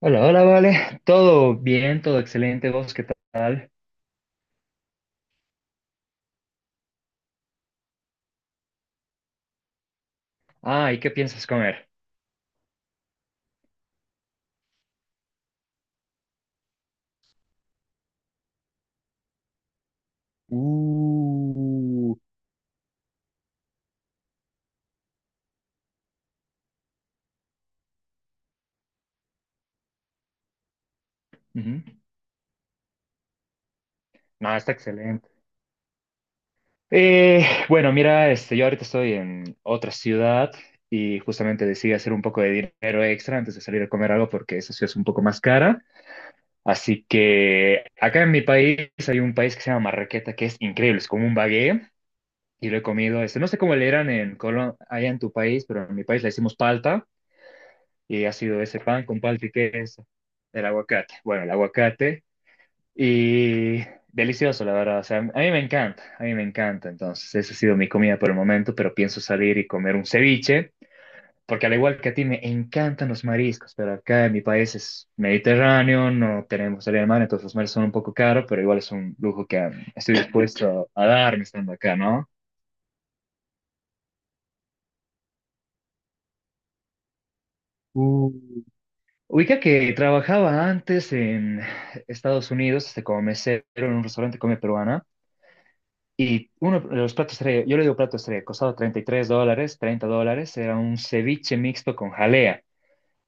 Hola, hola, vale. Todo bien, todo excelente. ¿Vos qué tal? Ah, ¿y qué piensas comer? Uh, ujú. No, está excelente. Bueno, mira, este, yo ahorita estoy en otra ciudad y justamente decidí hacer un poco de dinero extra antes de salir a comer algo porque esa ciudad es un poco más cara. Así que acá en mi país hay un país que se llama Marraqueta que es increíble, es como un bagué y lo he comido. Este, no sé cómo le eran en Colombia, allá en tu país, pero en mi país le decimos palta. Y ha sido ese pan con palta y queso, el aguacate. Bueno, el aguacate y delicioso, la verdad. O sea, a mí me encanta, a mí me encanta. Entonces, esa ha sido mi comida por el momento, pero pienso salir y comer un ceviche, porque al igual que a ti me encantan los mariscos, pero acá en mi país es mediterráneo, no tenemos salida de mar, entonces los mares son un poco caros, pero igual es un lujo que estoy dispuesto a darme estando acá, ¿no? Ubica que trabajaba antes en Estados Unidos, este, como mesero en un restaurante de comida peruana, y uno de los platos estrella, yo le digo plato estrella, costaba $33, $30, era un ceviche mixto con jalea,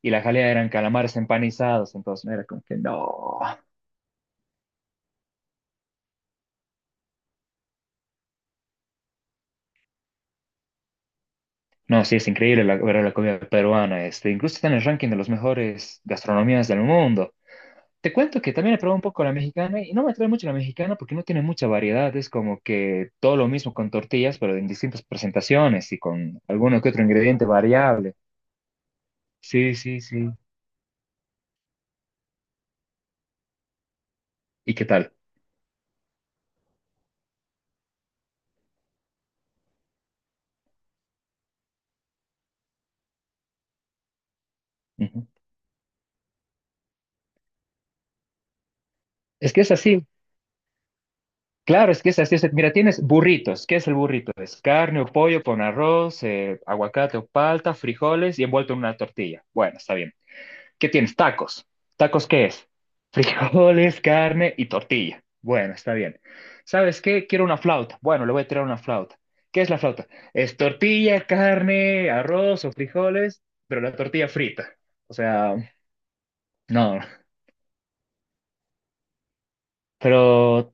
y la jalea eran calamares empanizados, entonces era como que no, no, sí, es increíble la, ver la comida peruana, este, incluso está en el ranking de las mejores gastronomías del mundo. Te cuento que también he probado un poco la mexicana y no me atrae mucho la mexicana porque no tiene mucha variedad. Es como que todo lo mismo con tortillas, pero en distintas presentaciones y con alguno que otro ingrediente variable. Sí, sí, sí. ¿Y qué tal? Ujú. Es que es así. Claro, es que es así. O sea, mira, tienes burritos. ¿Qué es el burrito? Es carne o pollo con arroz, aguacate o palta, frijoles y envuelto en una tortilla. Bueno, está bien. ¿Qué tienes? Tacos. ¿Tacos qué es? Frijoles, carne y tortilla. Bueno, está bien. ¿Sabes qué? Quiero una flauta. Bueno, le voy a tirar una flauta. ¿Qué es la flauta? Es tortilla, carne, arroz o frijoles, pero la tortilla frita. O sea, no. Pero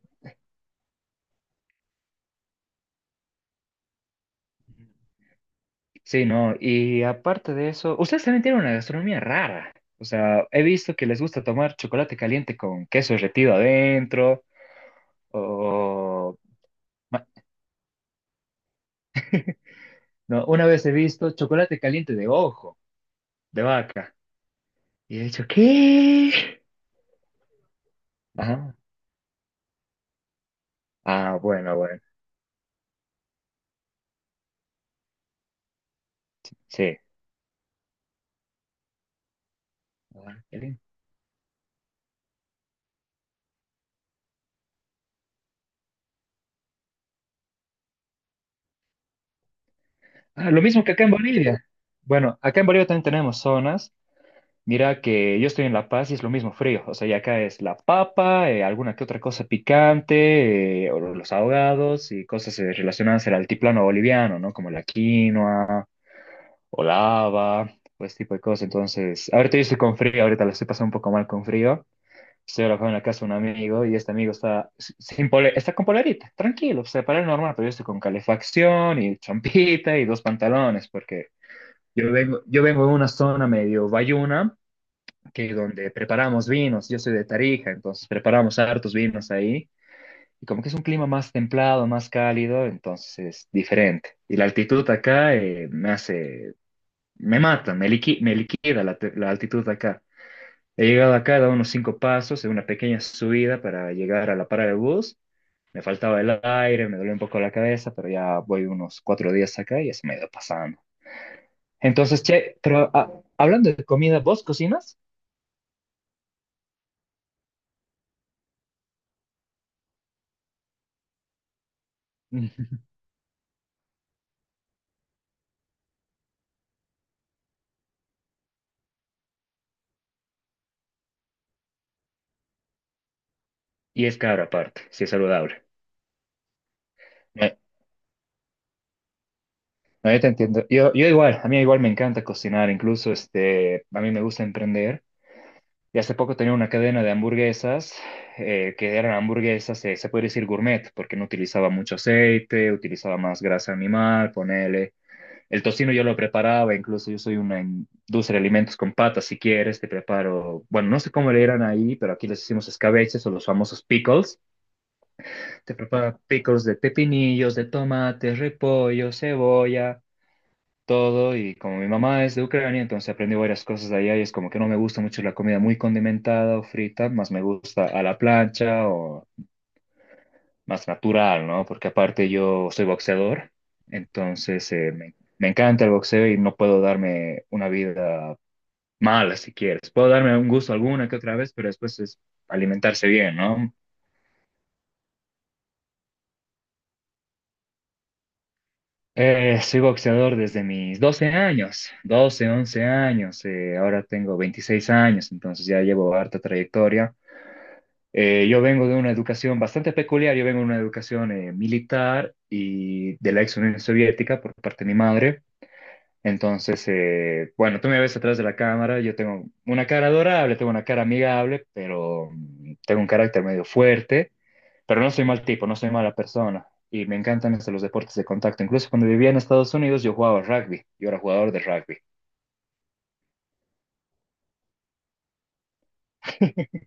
sí, no. Y aparte de eso, ustedes también tienen una gastronomía rara. O sea, he visto que les gusta tomar chocolate caliente con queso derretido adentro o no, una vez he visto chocolate caliente de ojo, de vaca. Y he dicho, ¿qué? Ajá. Ah, bueno, bueno. Sí. Ah, qué lindo. Ah, lo mismo que acá en Bolivia. Bueno, acá en Bolivia también tenemos zonas. Mira que yo estoy en La Paz y es lo mismo frío. O sea, y acá es la papa, alguna que otra cosa picante, o los ahogados y cosas relacionadas al altiplano boliviano, ¿no? Como la quinoa o lava, pues tipo de cosas. Entonces, ahorita yo estoy con frío, ahorita lo estoy pasando un poco mal con frío. Estoy alojado en la casa de un amigo y este amigo está, sin pole- está con polerita, tranquilo, o sea, para él normal, pero yo estoy con calefacción y champita y dos pantalones, porque yo vengo de una zona medio bayuna, que donde preparamos vinos, yo soy de Tarija, entonces preparamos hartos vinos ahí, y como que es un clima más templado, más cálido, entonces es diferente. Y la altitud acá me hace, me mata, me liquida la altitud acá. He llegado acá, he dado unos cinco pasos en una pequeña subida para llegar a la parada de bus. Me faltaba el aire, me dolió un poco la cabeza, pero ya voy unos 4 días acá y ya se me ha ido pasando. Entonces, che, pero hablando de comida, ¿vos cocinas? Ujú. Y es caro aparte, sí es saludable. No, no, yo te entiendo. Yo igual, a mí igual me encanta cocinar, incluso este, a mí me gusta emprender. Y hace poco tenía una cadena de hamburguesas, que eran hamburguesas, se puede decir gourmet, porque no utilizaba mucho aceite, utilizaba más grasa animal, ponele. El tocino yo lo preparaba, incluso yo soy una industria de alimentos con patas, si quieres, te preparo, bueno, no sé cómo le eran ahí, pero aquí les hicimos escabeches o los famosos pickles. Te preparo pickles de pepinillos, de tomates, repollo, cebolla todo y como mi mamá es de Ucrania, entonces aprendí varias cosas de allá y es como que no me gusta mucho la comida muy condimentada o frita, más me gusta a la plancha o más natural, ¿no? Porque aparte yo soy boxeador, entonces me encanta el boxeo y no puedo darme una vida mala si quieres. Puedo darme un gusto alguna que otra vez, pero después es alimentarse bien, ¿no? Soy boxeador desde mis 12 años, 12, 11 años, ahora tengo 26 años, entonces ya llevo harta trayectoria. Yo vengo de una educación bastante peculiar, yo vengo de una educación militar y de la ex Unión Soviética por parte de mi madre. Entonces, bueno, tú me ves atrás de la cámara, yo tengo una cara adorable, tengo una cara amigable, pero tengo un carácter medio fuerte, pero no soy mal tipo, no soy mala persona. Y me encantan hasta los deportes de contacto. Incluso cuando vivía en Estados Unidos, yo jugaba rugby, yo era jugador de rugby.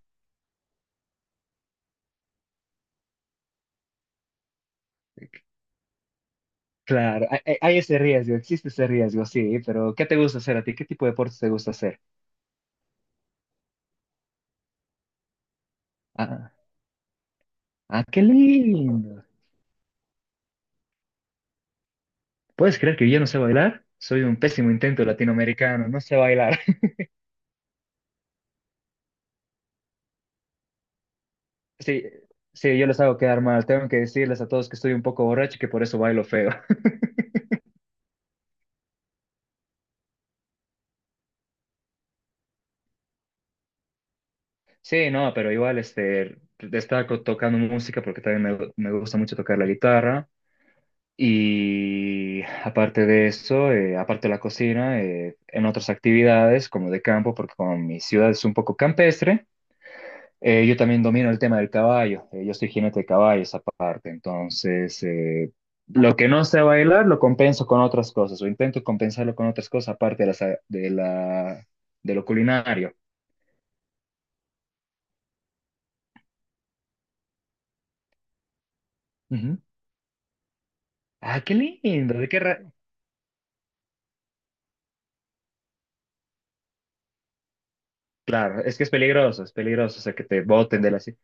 Claro, hay ese riesgo, existe ese riesgo, sí, pero ¿qué te gusta hacer a ti? ¿Qué tipo de deportes te gusta hacer? Ah. Ah, qué lindo. ¿Puedes creer que yo no sé bailar? Soy un pésimo intento latinoamericano, no sé bailar. Sí, sí, yo les hago quedar mal. Tengo que decirles a todos que estoy un poco borracho y que por eso bailo feo. Sí, no, pero igual este, destaco tocando música porque también me gusta mucho tocar la guitarra. Y aparte de eso, aparte de la cocina, en otras actividades como de campo, porque como mi ciudad es un poco campestre. Yo también domino el tema del caballo, yo soy jinete de caballos aparte, entonces lo que no sé bailar lo compenso con otras cosas o intento compensarlo con otras cosas aparte de, las, de, la, de lo culinario. Ujú. Ah, qué lindo. Claro, es que es peligroso, o sea, que te boten de la...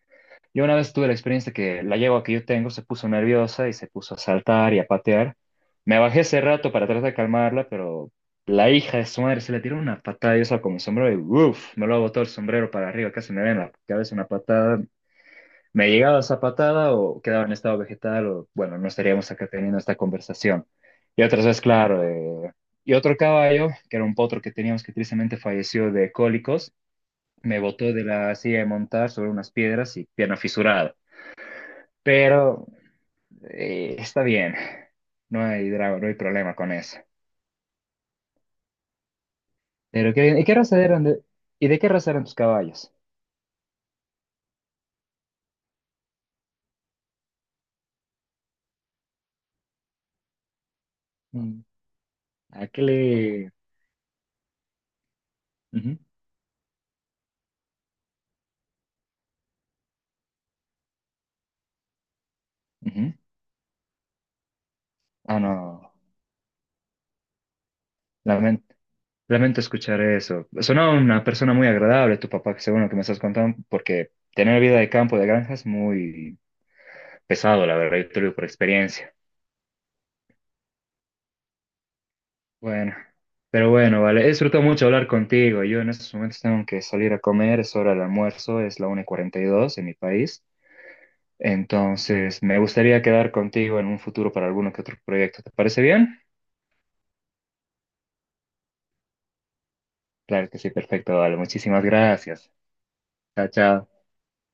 Yo una vez tuve la experiencia que la yegua que yo tengo se puso nerviosa y se puso a saltar y a patear. Me bajé ese rato para tratar de calmarla, pero la hija de su madre se le tiró una patada y usaba como sombrero y ¡uf! Me lo botó el sombrero para arriba, casi me da en la cabeza una patada. Me llegaba esa patada o quedaba en estado vegetal o, bueno, no estaríamos acá teniendo esta conversación. Y otras veces, claro, y otro caballo, que era un potro que teníamos que tristemente falleció de cólicos, me botó de la silla de montar sobre unas piedras y pierna fisurada. Pero está bien, no hay drama, no hay problema con eso. Pero ¿qué, y qué raza eran de, y ¿de qué raza eran tus caballos? Mm, ¿A qué le...? Ujú, ujú. Ah, no, lamento, lamento escuchar eso. Sonaba una persona muy agradable, tu papá, según lo que me estás contando, porque tener vida de campo, de granja, es muy pesado, la verdad, yo te lo digo por experiencia. Bueno, pero bueno, vale, he disfrutado mucho hablar contigo. Yo en estos momentos tengo que salir a comer, es hora del almuerzo, es la 1 y cuarenta y dos en mi país. Entonces, me gustaría quedar contigo en un futuro para alguno que otro proyecto. ¿Te parece bien? Claro que sí, perfecto, vale. Muchísimas gracias. Chao, chao.